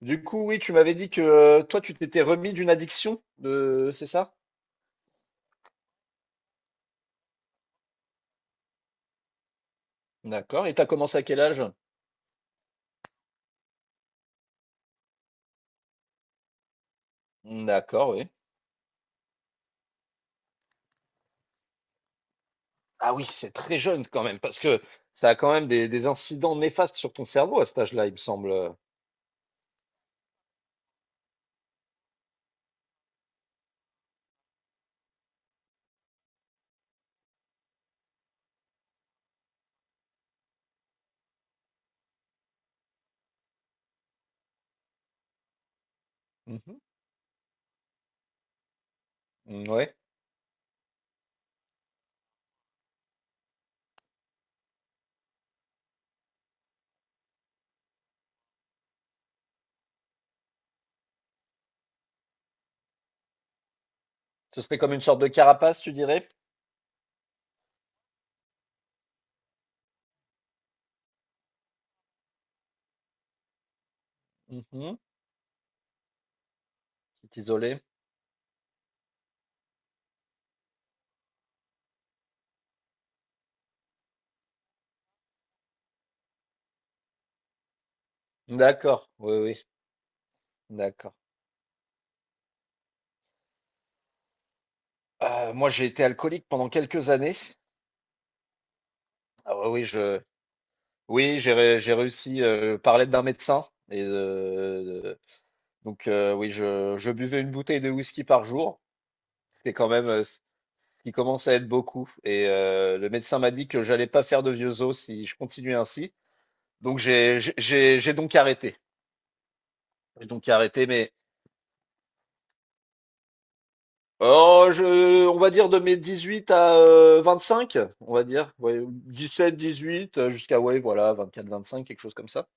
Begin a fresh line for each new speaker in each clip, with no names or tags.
Du coup, oui, tu m'avais dit que toi, tu t'étais remis d'une addiction, de... c'est ça? D'accord. Et t'as commencé à quel âge? D'accord, oui. Ah oui, c'est très jeune quand même, parce que ça a quand même des incidents néfastes sur ton cerveau à cet âge-là, il me semble. Mmh mh. Mmh, ouais. Ce serait comme une sorte de carapace, tu dirais? Mmh mh, qui t'isolait. D'accord, oui, oui, d'accord. Moi, j'ai été alcoolique pendant quelques années. Ah ouais, oui, je oui, j'ai ré j'ai réussi, par l'aide d'un médecin et donc oui, je buvais une bouteille de whisky par jour. C'était quand même, ce ce qui commence à être beaucoup et le médecin m'a dit que j'allais pas faire de vieux os si je continuais ainsi. Donc j'ai donc arrêté. J'ai donc arrêté, mais oh, je, on va dire de mes 18 à 25, on va dire. Ouais, 17, 18, jusqu'à, ouais, voilà, 24, 25, quelque chose comme ça.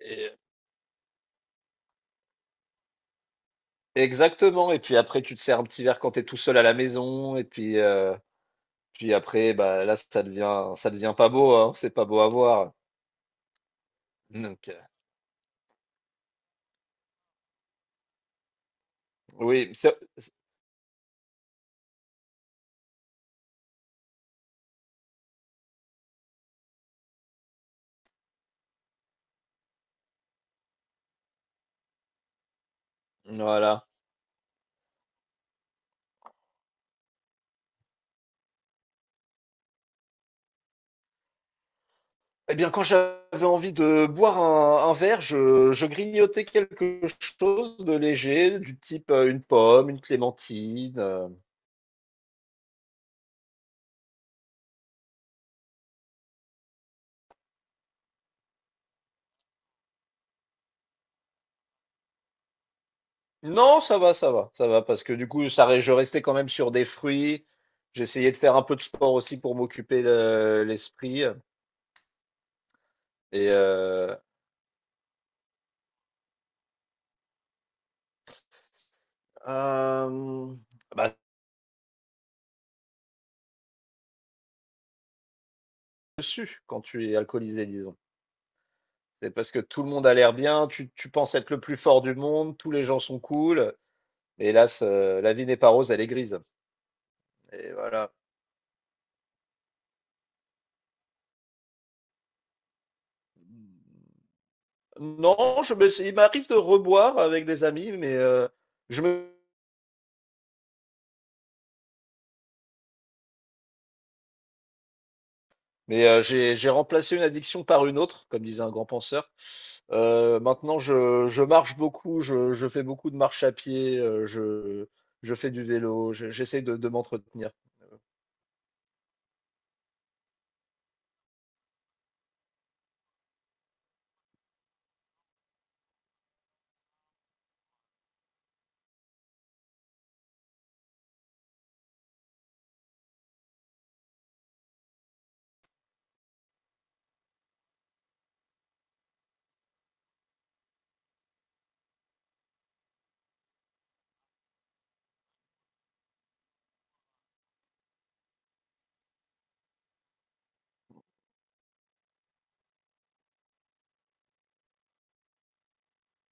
Et- exactement. Et puis après, tu te sers un petit verre quand t'es tout seul à la maison. Et puis, puis après, bah, là, ça devient pas beau, hein. C'est pas beau à voir. Donc, oui, c'est- voilà. Eh bien, quand j'avais envie de boire un verre, je grignotais quelque chose de léger, du type une pomme, une clémentine. Non, ça va, parce que du coup, ça, re- je restais quand même sur des fruits. J'essayais de faire un peu de sport aussi pour m'occuper le- l'esprit. Et euh, euh, bah, Dessus, quand tu es alcoolisé, disons. C'est parce que tout le monde a l'air bien, tu penses être le plus fort du monde, tous les gens sont cool. Mais hélas, la vie n'est pas rose, elle est grise. Et voilà. Non, il m'arrive de reboire avec des amis, mais je me Mais j'ai remplacé une addiction par une autre, comme disait un grand penseur. Maintenant, je marche beaucoup, je fais beaucoup de marche à pied, je fais du vélo, je- j'essaie de m'entretenir.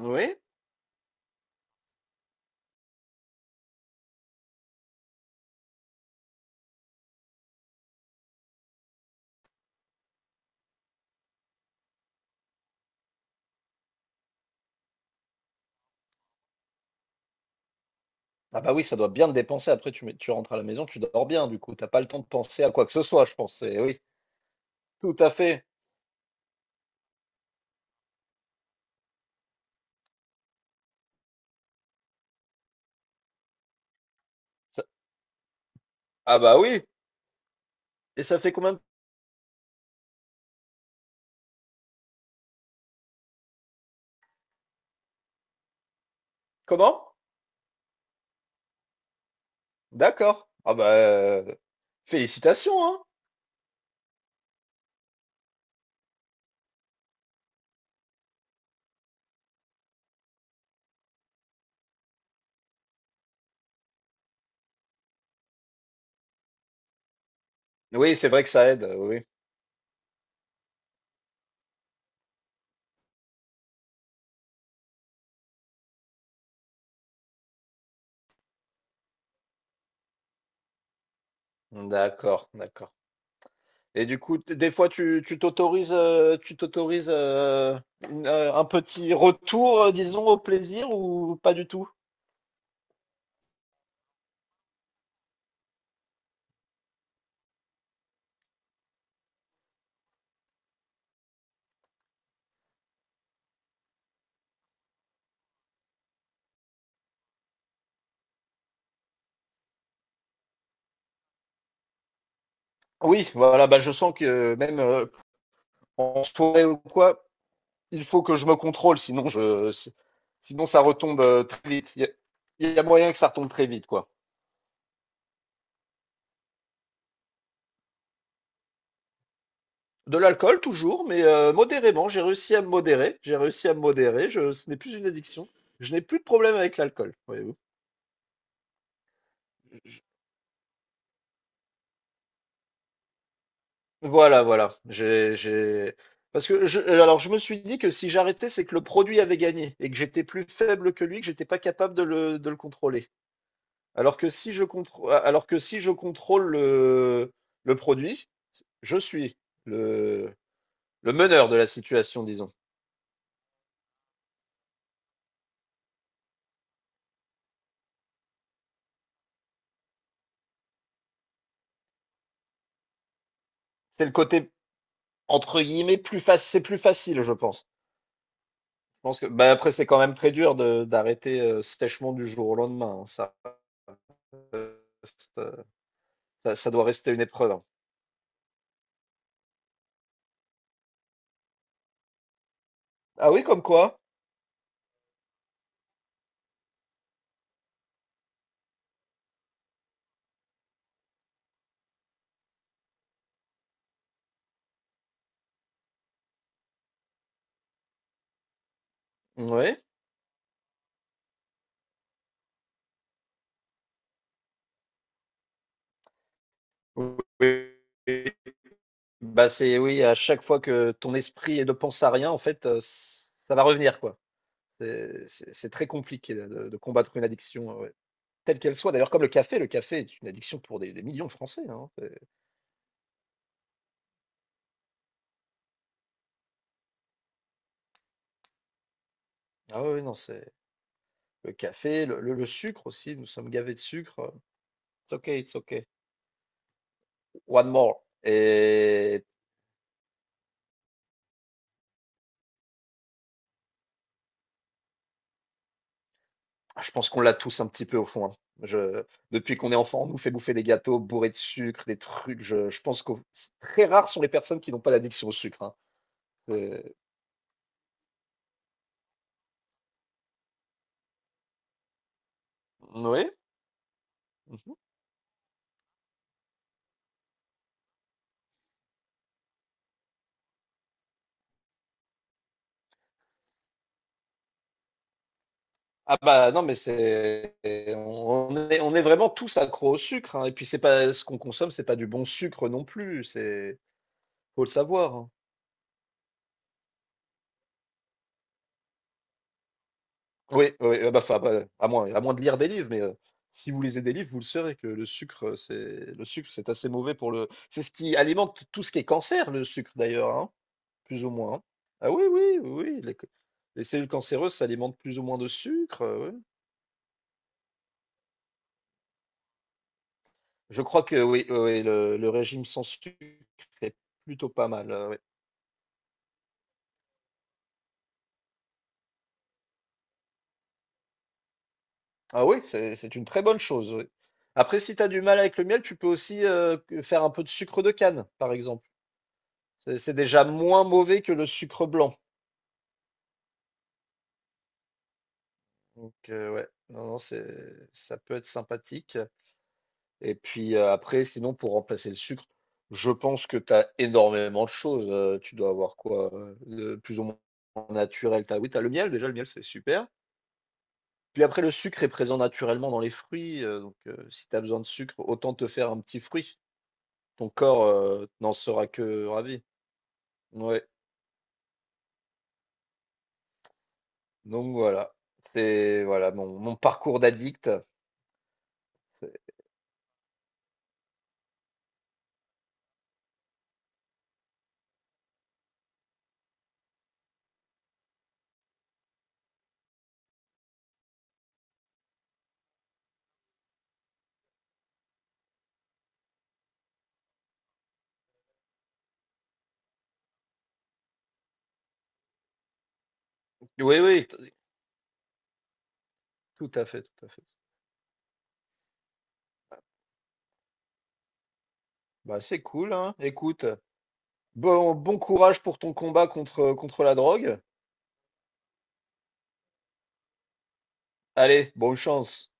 Oui. Ah bah oui, ça doit bien te dépenser. Après, tu rentres à la maison, tu dors bien, du coup, t'as pas le temps de penser à quoi que ce soit, je pense. Eh oui, tout à fait. Ça- Ah bah oui. Et ça fait combien de... Comment? D'accord. Ah bah, félicitations, hein. Oui, c'est vrai que ça aide. Oui. D'accord, d'accord. Et du coup, des fois, tu t'autorises un petit retour, disons, au plaisir ou pas du tout? Oui, voilà, bah je sens que même en soirée ou quoi, il faut que je me contrôle, sinon je si- sinon ça retombe très vite. Il y a moyen que ça retombe très vite, quoi. De l'alcool toujours, mais modérément. J'ai réussi à me modérer. Je, ce n'est plus une addiction. Je n'ai plus de problème avec l'alcool, voyez-vous. Voilà, voilà. J'ai... Parce que je, alors je me suis dit que si j'arrêtais, c'est que le produit avait gagné et que j'étais plus faible que lui, que j'étais pas capable de le contrôler. Alors que si je contrôle le produit, je suis le, le meneur de la situation, disons. C'est le côté entre guillemets plus facile, c'est plus facile, je pense. Je pense que bah après c'est quand même très dur de d'arrêter sèchement du jour au lendemain, hein. Ça, reste, ça, ça doit rester une épreuve, hein. Ah oui, comme quoi? Oui. Oui, bah, c'est oui, à chaque fois que ton esprit ne pense à rien, en fait, ç ça va revenir, quoi. C'est très compliqué de de combattre une addiction, ouais, telle qu'elle soit. D'ailleurs, comme le café est une addiction pour des millions de Français, hein. C'est ah oui, oui, non, c'est le café, le sucre aussi, nous sommes gavés de sucre, it's okay, one more et ah, je pense qu'on l'a tous un petit peu au fond, hein. Je, depuis qu'on est enfant, on nous fait bouffer des gâteaux bourrés de sucre, des trucs. Je pense que très rares sont les personnes qui n'ont pas d'addiction au sucre, hein. C'est- Oui. Mhm. Ah bah non, mais c'est on est vraiment tous accros au sucre, hein. Et puis c'est pas ce qu'on consomme, c'est pas du bon sucre non plus. C'est faut le savoir, hein. Oui, oui, ah bah, enfin, bah, à moins de lire des livres, mais si vous lisez des livres, vous le saurez que le sucre, c'est le sucre, c'est assez mauvais pour le. C'est ce qui alimente tout ce qui est cancer, le sucre d'ailleurs, hein, plus ou moins, hein. Ah oui, oui, oui, oui, les, ca- les cellules cancéreuses s'alimentent plus ou moins de sucre. Oui. Je crois que oui, oui, oui, le régime sans sucre est plutôt pas mal. Oui. Ah oui, c'est une très bonne chose, oui. Après, si tu as du mal avec le miel, tu peux aussi faire un peu de sucre de canne, par exemple. C'est déjà moins mauvais que le sucre blanc. Donc ouais, non, non, c'est, ça peut être sympathique. Et puis après, sinon, pour remplacer le sucre, je pense que tu as énormément de choses. Tu dois avoir quoi? De plus ou moins naturel. T'as, oui, tu as le miel, déjà, le miel, c'est super. Puis après, le sucre est présent naturellement dans les fruits, donc si tu as besoin de sucre, autant te faire un petit fruit. Ton corps n'en sera que ravi. Ouais, donc voilà. C'est voilà mon parcours d'addict. C'est- Oui, oui, t- tout à fait, tout à fait. Bah, c'est cool, hein. Écoute. Bon, bon courage pour ton combat contre, contre la drogue. Allez, bonne chance.